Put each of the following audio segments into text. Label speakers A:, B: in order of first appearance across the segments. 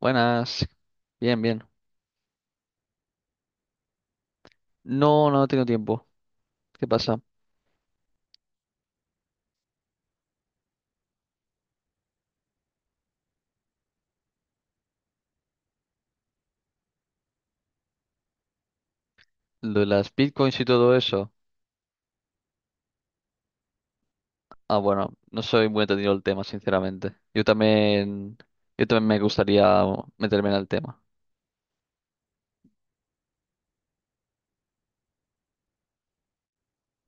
A: Buenas, bien, bien. No, no he tenido tiempo. ¿Qué pasa? Lo de las bitcoins y todo eso. Ah, bueno, no soy muy entendido el tema, sinceramente. Yo también me gustaría meterme en el tema.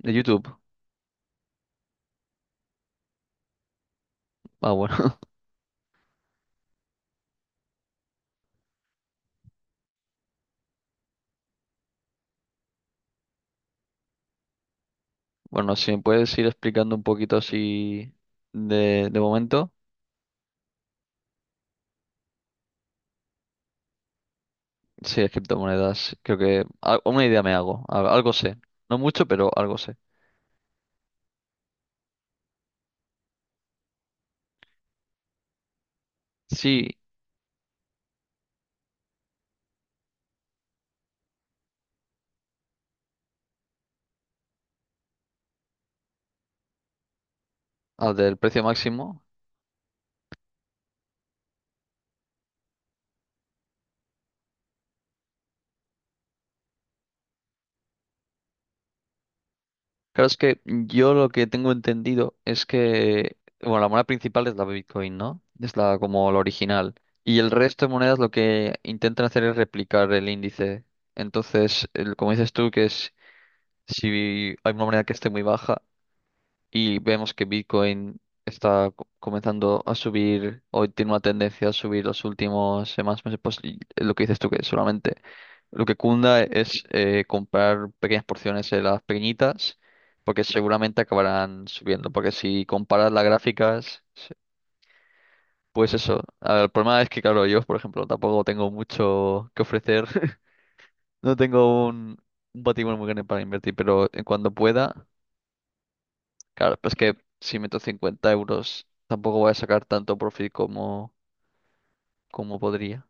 A: De YouTube. Ah, bueno. Bueno, si me puedes ir explicando un poquito así de momento. Sí, las criptomonedas. Creo que una idea me hago. Algo sé. No mucho, pero algo sé. Sí, al del precio máximo. Claro, es que yo lo que tengo entendido es que, bueno, la moneda principal es la Bitcoin, ¿no? Es la como la original. Y el resto de monedas lo que intentan hacer es replicar el índice. Entonces, como dices tú, que es si hay una moneda que esté muy baja, y vemos que Bitcoin está comenzando a subir, hoy tiene una tendencia a subir los últimos semanas, meses, pues y lo que dices tú, que solamente lo que cunda es comprar pequeñas porciones de las pequeñitas, porque seguramente acabarán subiendo, porque si comparas las gráficas, pues eso, a ver, el problema es que, claro, yo, por ejemplo, tampoco tengo mucho que ofrecer. No tengo un patrimonio muy grande para invertir, pero en cuando pueda. Claro, pero es que si meto 50 euros tampoco voy a sacar tanto profit como podría.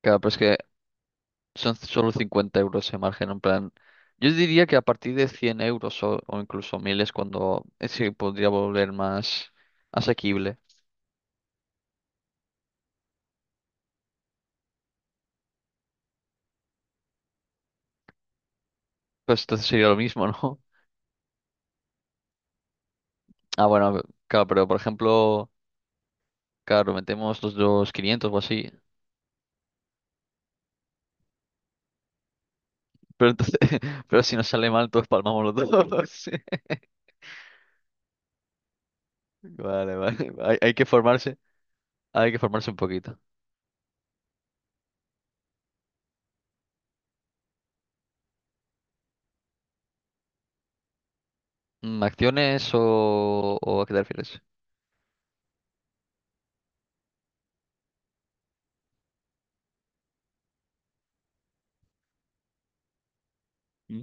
A: Claro, pero es que son solo 50 euros de margen, en plan. Yo diría que a partir de 100 euros o incluso 1000 es cuando se podría volver más asequible. Pues entonces sería lo mismo, ¿no? Ah, bueno, claro, pero por ejemplo, claro, metemos los dos 500 o así. Pero entonces, pero si nos sale mal, todos palmamos los dos. Vale, vale. Vale. Hay que formarse, hay que formarse un poquito. ¿Acciones o a qué te refieres? Mm.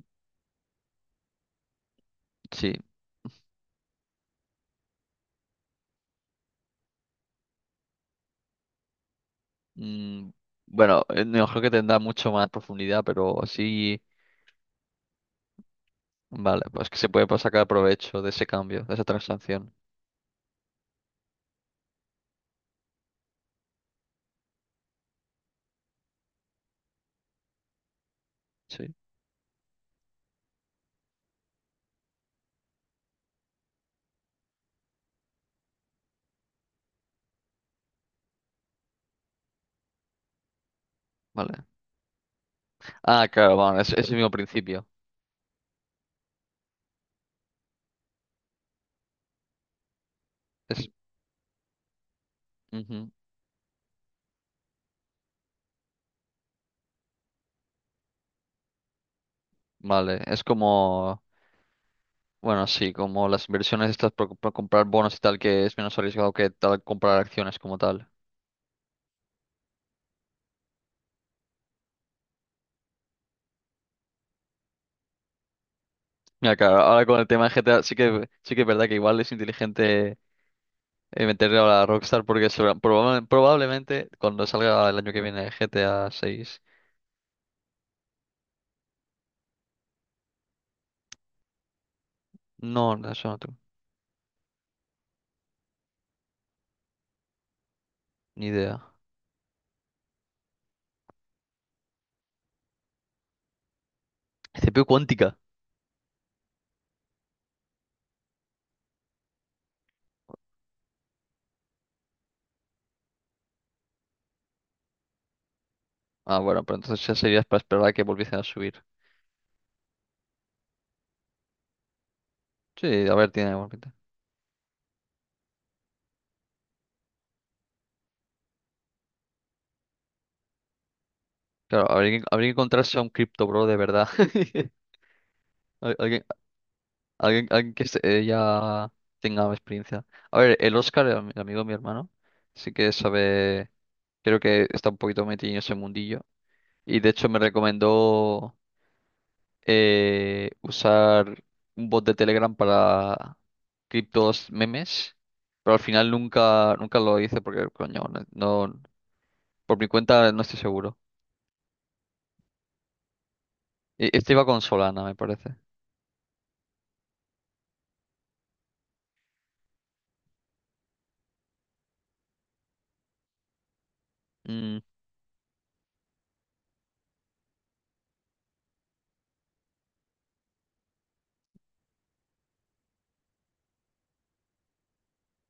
A: Sí. Mm, bueno, no creo que tendrá mucho más profundidad, pero sí. Vale, pues que se puede pues, sacar provecho de ese cambio, de esa transacción. Sí, vale. Ah, claro, bueno, es el mismo principio. Es, ujú, vale, es como. Bueno, sí, como las inversiones estas por comprar bonos y tal, que es menos arriesgado que tal comprar acciones como tal. Mira, claro, ahora con el tema de G GTA sí que es verdad que igual es inteligente. Y meterle ahora a Rockstar porque probablemente cuando salga el año que viene GTA 6. No, no, eso no tengo ni idea. CPU cuántica. Ah, bueno, pero entonces ya sería para esperar a que volviesen a subir. Sí, a ver, tiene buena pinta. Claro, habría que encontrarse a un cripto bro de verdad. Al- Alguien, alguien que ya tenga experiencia. A ver, el Oscar, el amigo de mi hermano, sí que sabe, creo que está un poquito metido en ese mundillo. Y de hecho me recomendó usar un bot de Telegram para criptos memes, pero al final nunca lo hice porque, coño, no- por mi cuenta no estoy seguro. Este iba con Solana, me parece. Mm,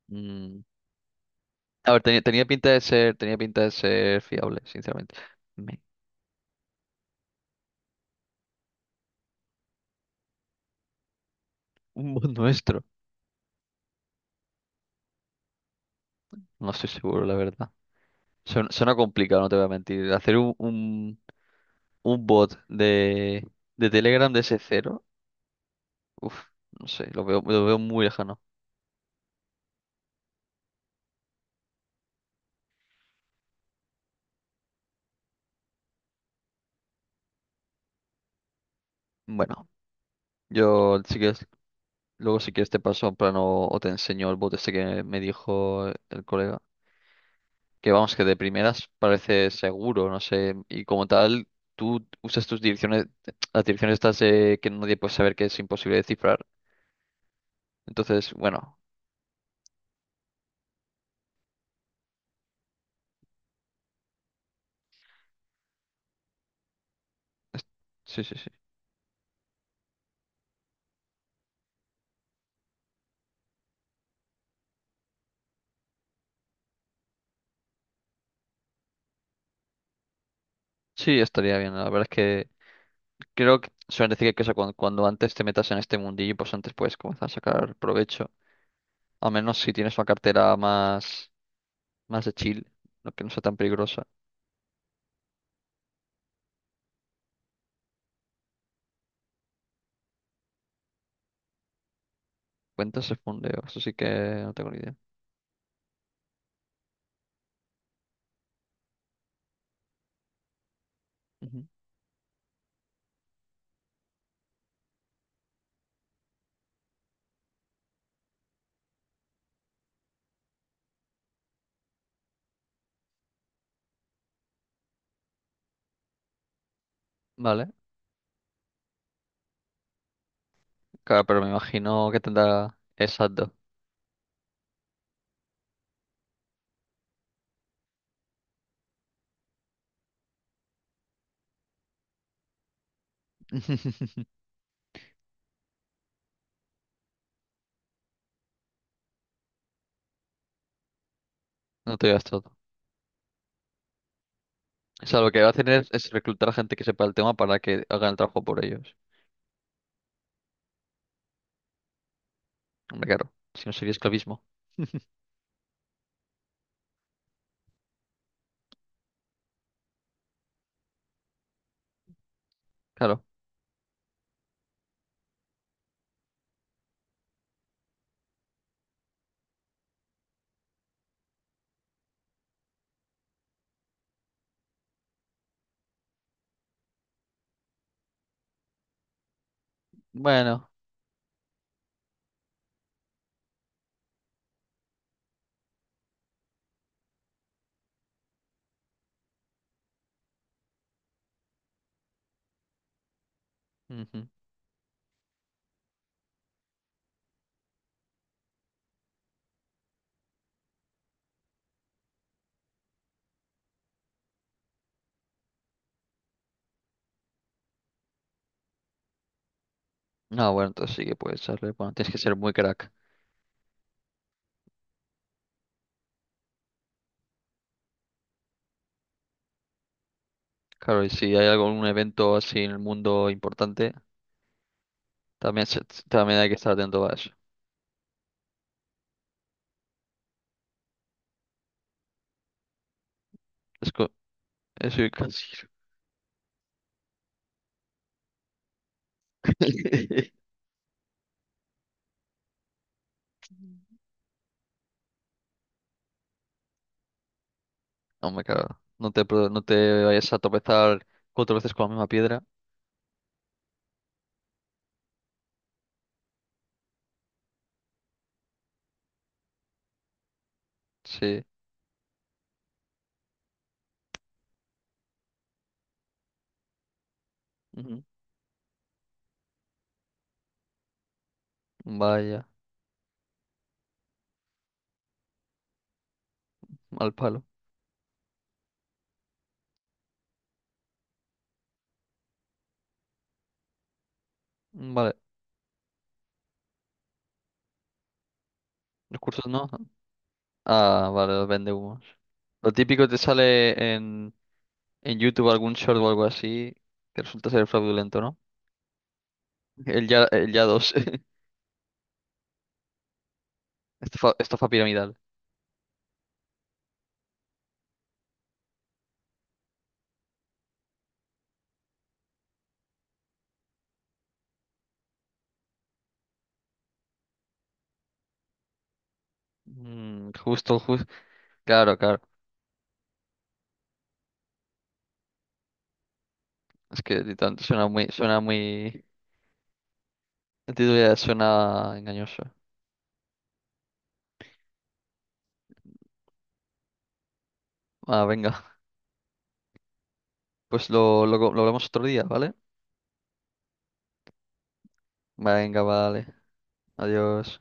A: mm. A ver, tenía pinta de ser, fiable, sinceramente. Me- un bot nuestro. No estoy seguro, la verdad. Suena complicado, no te voy a mentir. Hacer un bot de Telegram de ese cero, uf, no sé, lo veo muy lejano. Bueno. Yo, si quieres, luego si quieres te paso en plano o te enseño el bot este que me dijo el colega. Que vamos, que de primeras parece seguro, no sé. Y como tal, tú usas tus direcciones, las direcciones estas que nadie puede saber que es imposible descifrar. Entonces, bueno, es- sí, sí, sí. Sí, estaría bien. La verdad es que creo que suelen decir que eso, cuando, antes te metas en este mundillo, pues antes puedes comenzar a sacar provecho. A menos si tienes una cartera más de chill, no que no sea tan peligrosa. Cuentas de fondeo, eso sí que no tengo ni idea. Ujú. Vale, claro, pero me imagino que tendrá exacto. No te digas todo. O sea, lo que va a hacer es reclutar a gente que sepa el tema para que hagan el trabajo por ellos. Hombre, claro, si no sería esclavismo. Claro. Bueno. Ujú. Ah, bueno, entonces sí que puedes echarle. Bueno, tienes que ser muy crack. Claro, y si hay algún evento así en el mundo importante, también, se- también hay que estar atento a eso. Es eso y casi. No me cago. No te vayas a tropezar cuatro veces con la misma piedra. Sí. Ujú. Vaya, mal palo. Vale. Recursos no. Ah, vale, los vende humos. Lo típico te sale en YouTube algún short o algo así que resulta ser fraudulento, ¿no? El ya 2. Estafa, estafa piramidal. Mm, justo, justo. Claro, claro. Es que de tanto suena muy. El título ya suena engañoso. Ah, venga. Pues lo hablamos otro día, ¿vale? Venga, vale. Adiós.